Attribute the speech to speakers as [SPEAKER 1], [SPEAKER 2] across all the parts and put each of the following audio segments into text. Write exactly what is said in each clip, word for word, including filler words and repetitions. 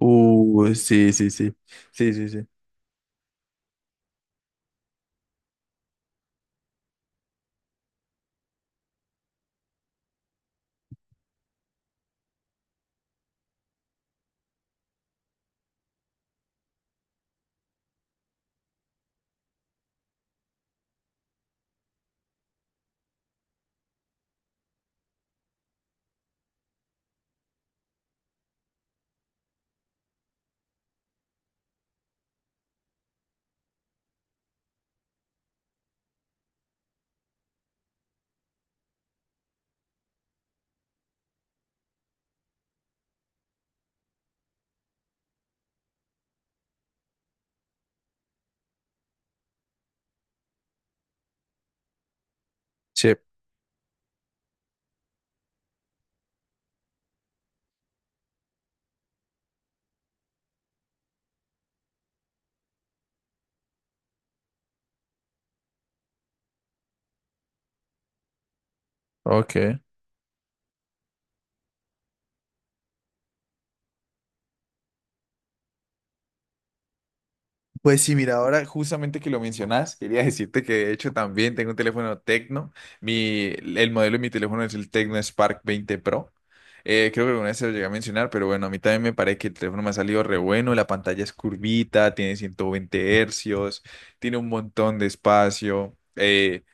[SPEAKER 1] Uh, sí, sí, sí. Sí, sí, sí. Sí, ok. Pues sí, mira, ahora justamente que lo mencionas, quería decirte que de hecho también tengo un teléfono Tecno. Mi, el modelo de mi teléfono es el Tecno Spark veinte Pro. Eh, creo que alguna vez se lo llegué a mencionar, pero bueno, a mí también me parece que el teléfono me ha salido re bueno. La pantalla es curvita, tiene ciento veinte hercios, tiene un montón de espacio. eh,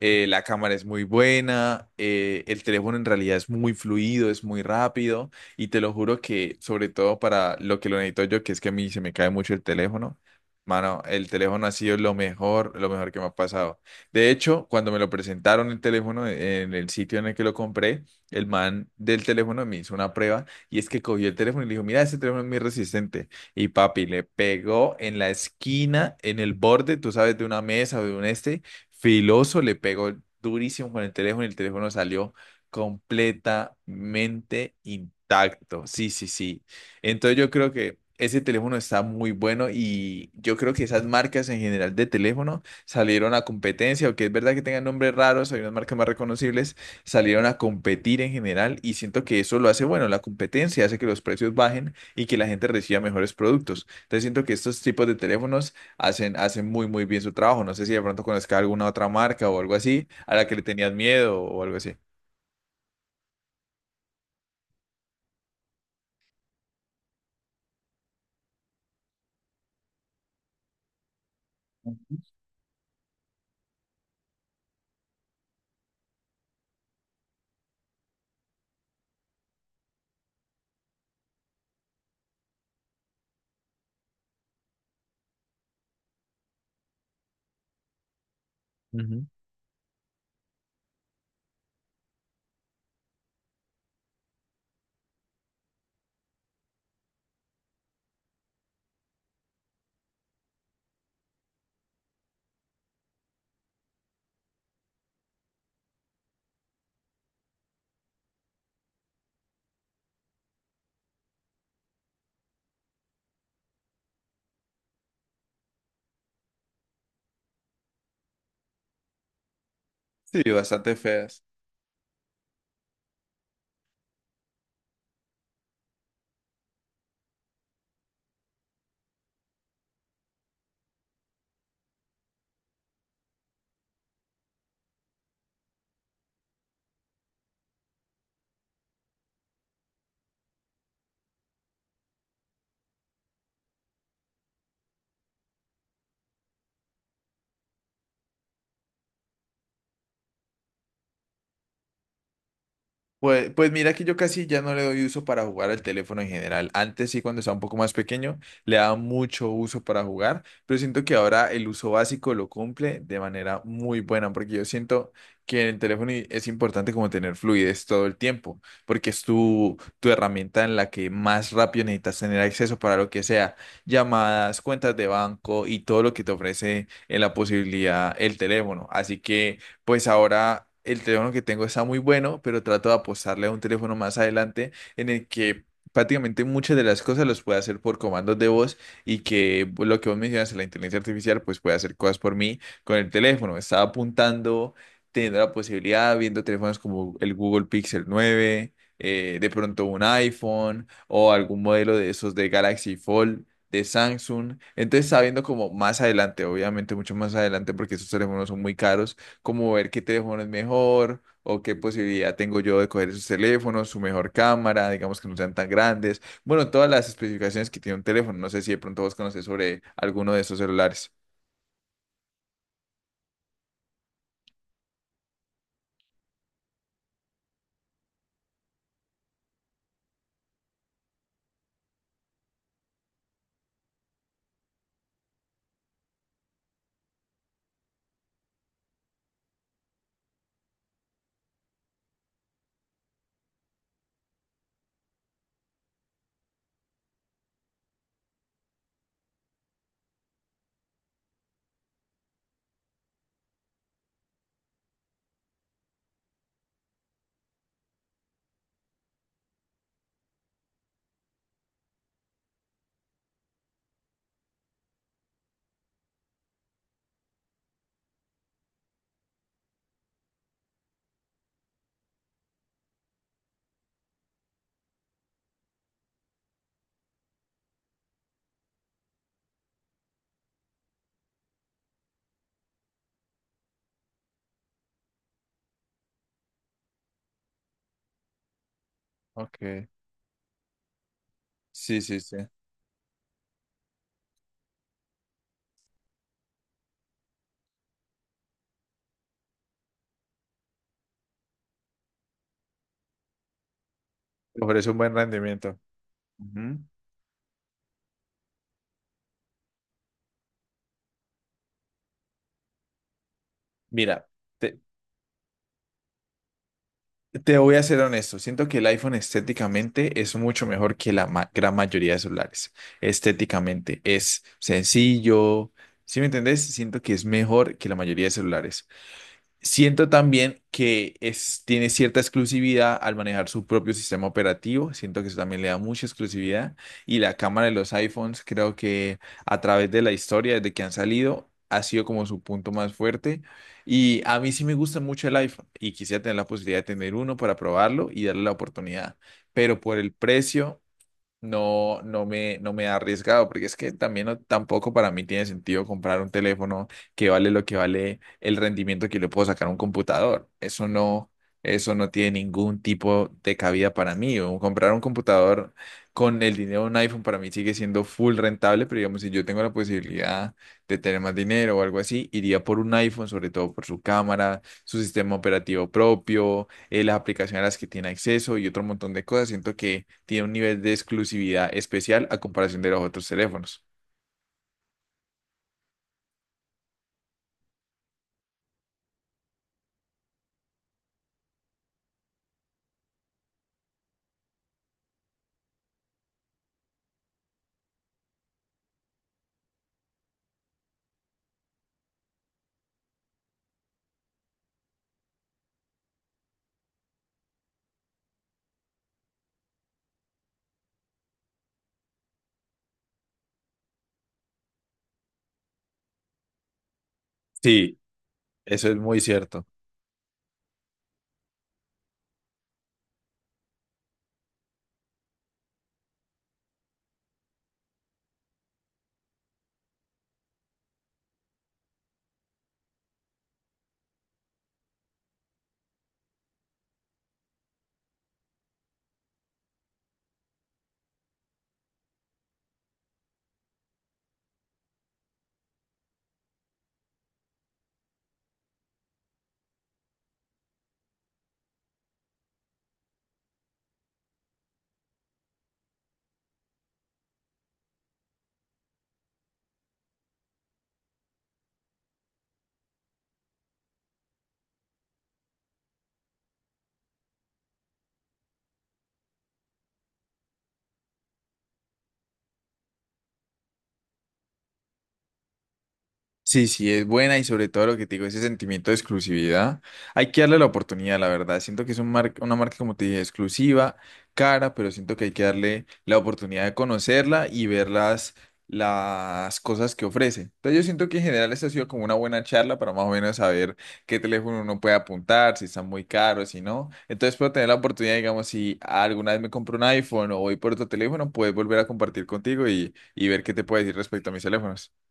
[SPEAKER 1] eh, La cámara es muy buena, eh, el teléfono en realidad es muy fluido, es muy rápido y te lo juro que sobre todo para lo que lo necesito yo, que es que a mí se me cae mucho el teléfono, mano, el teléfono ha sido lo mejor, lo mejor que me ha pasado. De hecho, cuando me lo presentaron el teléfono en el sitio en el que lo compré, el man del teléfono me hizo una prueba y es que cogió el teléfono y le dijo, mira, este teléfono es muy resistente. Y papi, le pegó en la esquina, en el borde, tú sabes, de una mesa o de un este filoso, le pegó durísimo con el teléfono y el teléfono salió completamente intacto. Sí, sí, sí. Entonces yo creo que ese teléfono está muy bueno y yo creo que esas marcas en general de teléfono salieron a competencia, aunque es verdad que tengan nombres raros, hay unas marcas más reconocibles, salieron a competir en general y siento que eso lo hace bueno, la competencia hace que los precios bajen y que la gente reciba mejores productos. Entonces siento que estos tipos de teléfonos hacen, hacen muy, muy bien su trabajo. No sé si de pronto conozca alguna otra marca o algo así, a la que le tenías miedo o algo así. Ujú. Sí, bastante feas. Pues, pues mira que yo casi ya no le doy uso para jugar al teléfono en general. Antes sí, cuando estaba un poco más pequeño, le daba mucho uso para jugar, pero siento que ahora el uso básico lo cumple de manera muy buena, porque yo siento que en el teléfono y- es importante como tener fluidez todo el tiempo, porque es tu, tu herramienta en la que más rápido necesitas tener acceso para lo que sea, llamadas, cuentas de banco y todo lo que te ofrece en la posibilidad el teléfono. Así que pues ahora el teléfono que tengo está muy bueno, pero trato de apostarle a un teléfono más adelante en el que prácticamente muchas de las cosas las pueda hacer por comandos de voz y que pues, lo que vos mencionas, la inteligencia artificial, pues puede hacer cosas por mí con el teléfono. Estaba apuntando, teniendo la posibilidad, viendo teléfonos como el Google Pixel nueve, eh, de pronto un iPhone o algún modelo de esos de Galaxy Fold de Samsung. Entonces está viendo como más adelante, obviamente mucho más adelante porque esos teléfonos son muy caros, como ver qué teléfono es mejor o qué posibilidad tengo yo de coger esos teléfonos, su mejor cámara, digamos que no sean tan grandes. Bueno, todas las especificaciones que tiene un teléfono. No sé si de pronto vos conoces sobre alguno de esos celulares. Ok. Sí, sí, sí. Ofrece un buen rendimiento. Ujú. Mira, te, te voy a ser honesto. Siento que el iPhone estéticamente es mucho mejor que la ma- gran mayoría de celulares. Estéticamente es sencillo. ¿Sí me entendés? Siento que es mejor que la mayoría de celulares. Siento también que es, tiene cierta exclusividad al manejar su propio sistema operativo. Siento que eso también le da mucha exclusividad. Y la cámara de los iPhones, creo que a través de la historia, desde que han salido, ha sido como su punto más fuerte. Y a mí sí me gusta mucho el iPhone y quisiera tener la posibilidad de tener uno para probarlo y darle la oportunidad. Pero por el precio no, no me, no me he arriesgado, porque es que también no- tampoco para mí tiene sentido comprar un teléfono que vale lo que vale el rendimiento que le puedo sacar a un computador. Eso no, eso no tiene ningún tipo de cabida para mí. O comprar un computador con el dinero de un iPhone para mí sigue siendo full rentable, pero digamos, si yo tengo la posibilidad de tener más dinero o algo así, iría por un iPhone, sobre todo por su cámara, su sistema operativo propio, eh, las aplicaciones a las que tiene acceso y otro montón de cosas. Siento que tiene un nivel de exclusividad especial a comparación de los otros teléfonos. Sí, eso es muy cierto. Sí, sí, es buena y sobre todo lo que te digo, ese sentimiento de exclusividad, hay que darle la oportunidad, la verdad. Siento que es un mar- una marca, como te dije, exclusiva, cara, pero siento que hay que darle la oportunidad de conocerla y ver las, las cosas que ofrece. Entonces yo siento que en general esta ha sido como una buena charla para más o menos saber qué teléfono uno puede apuntar, si están muy caros, si no. Entonces puedo tener la oportunidad, digamos, si alguna vez me compro un iPhone o voy por otro teléfono, puedes volver a compartir contigo y, y ver qué te puedo decir respecto a mis teléfonos.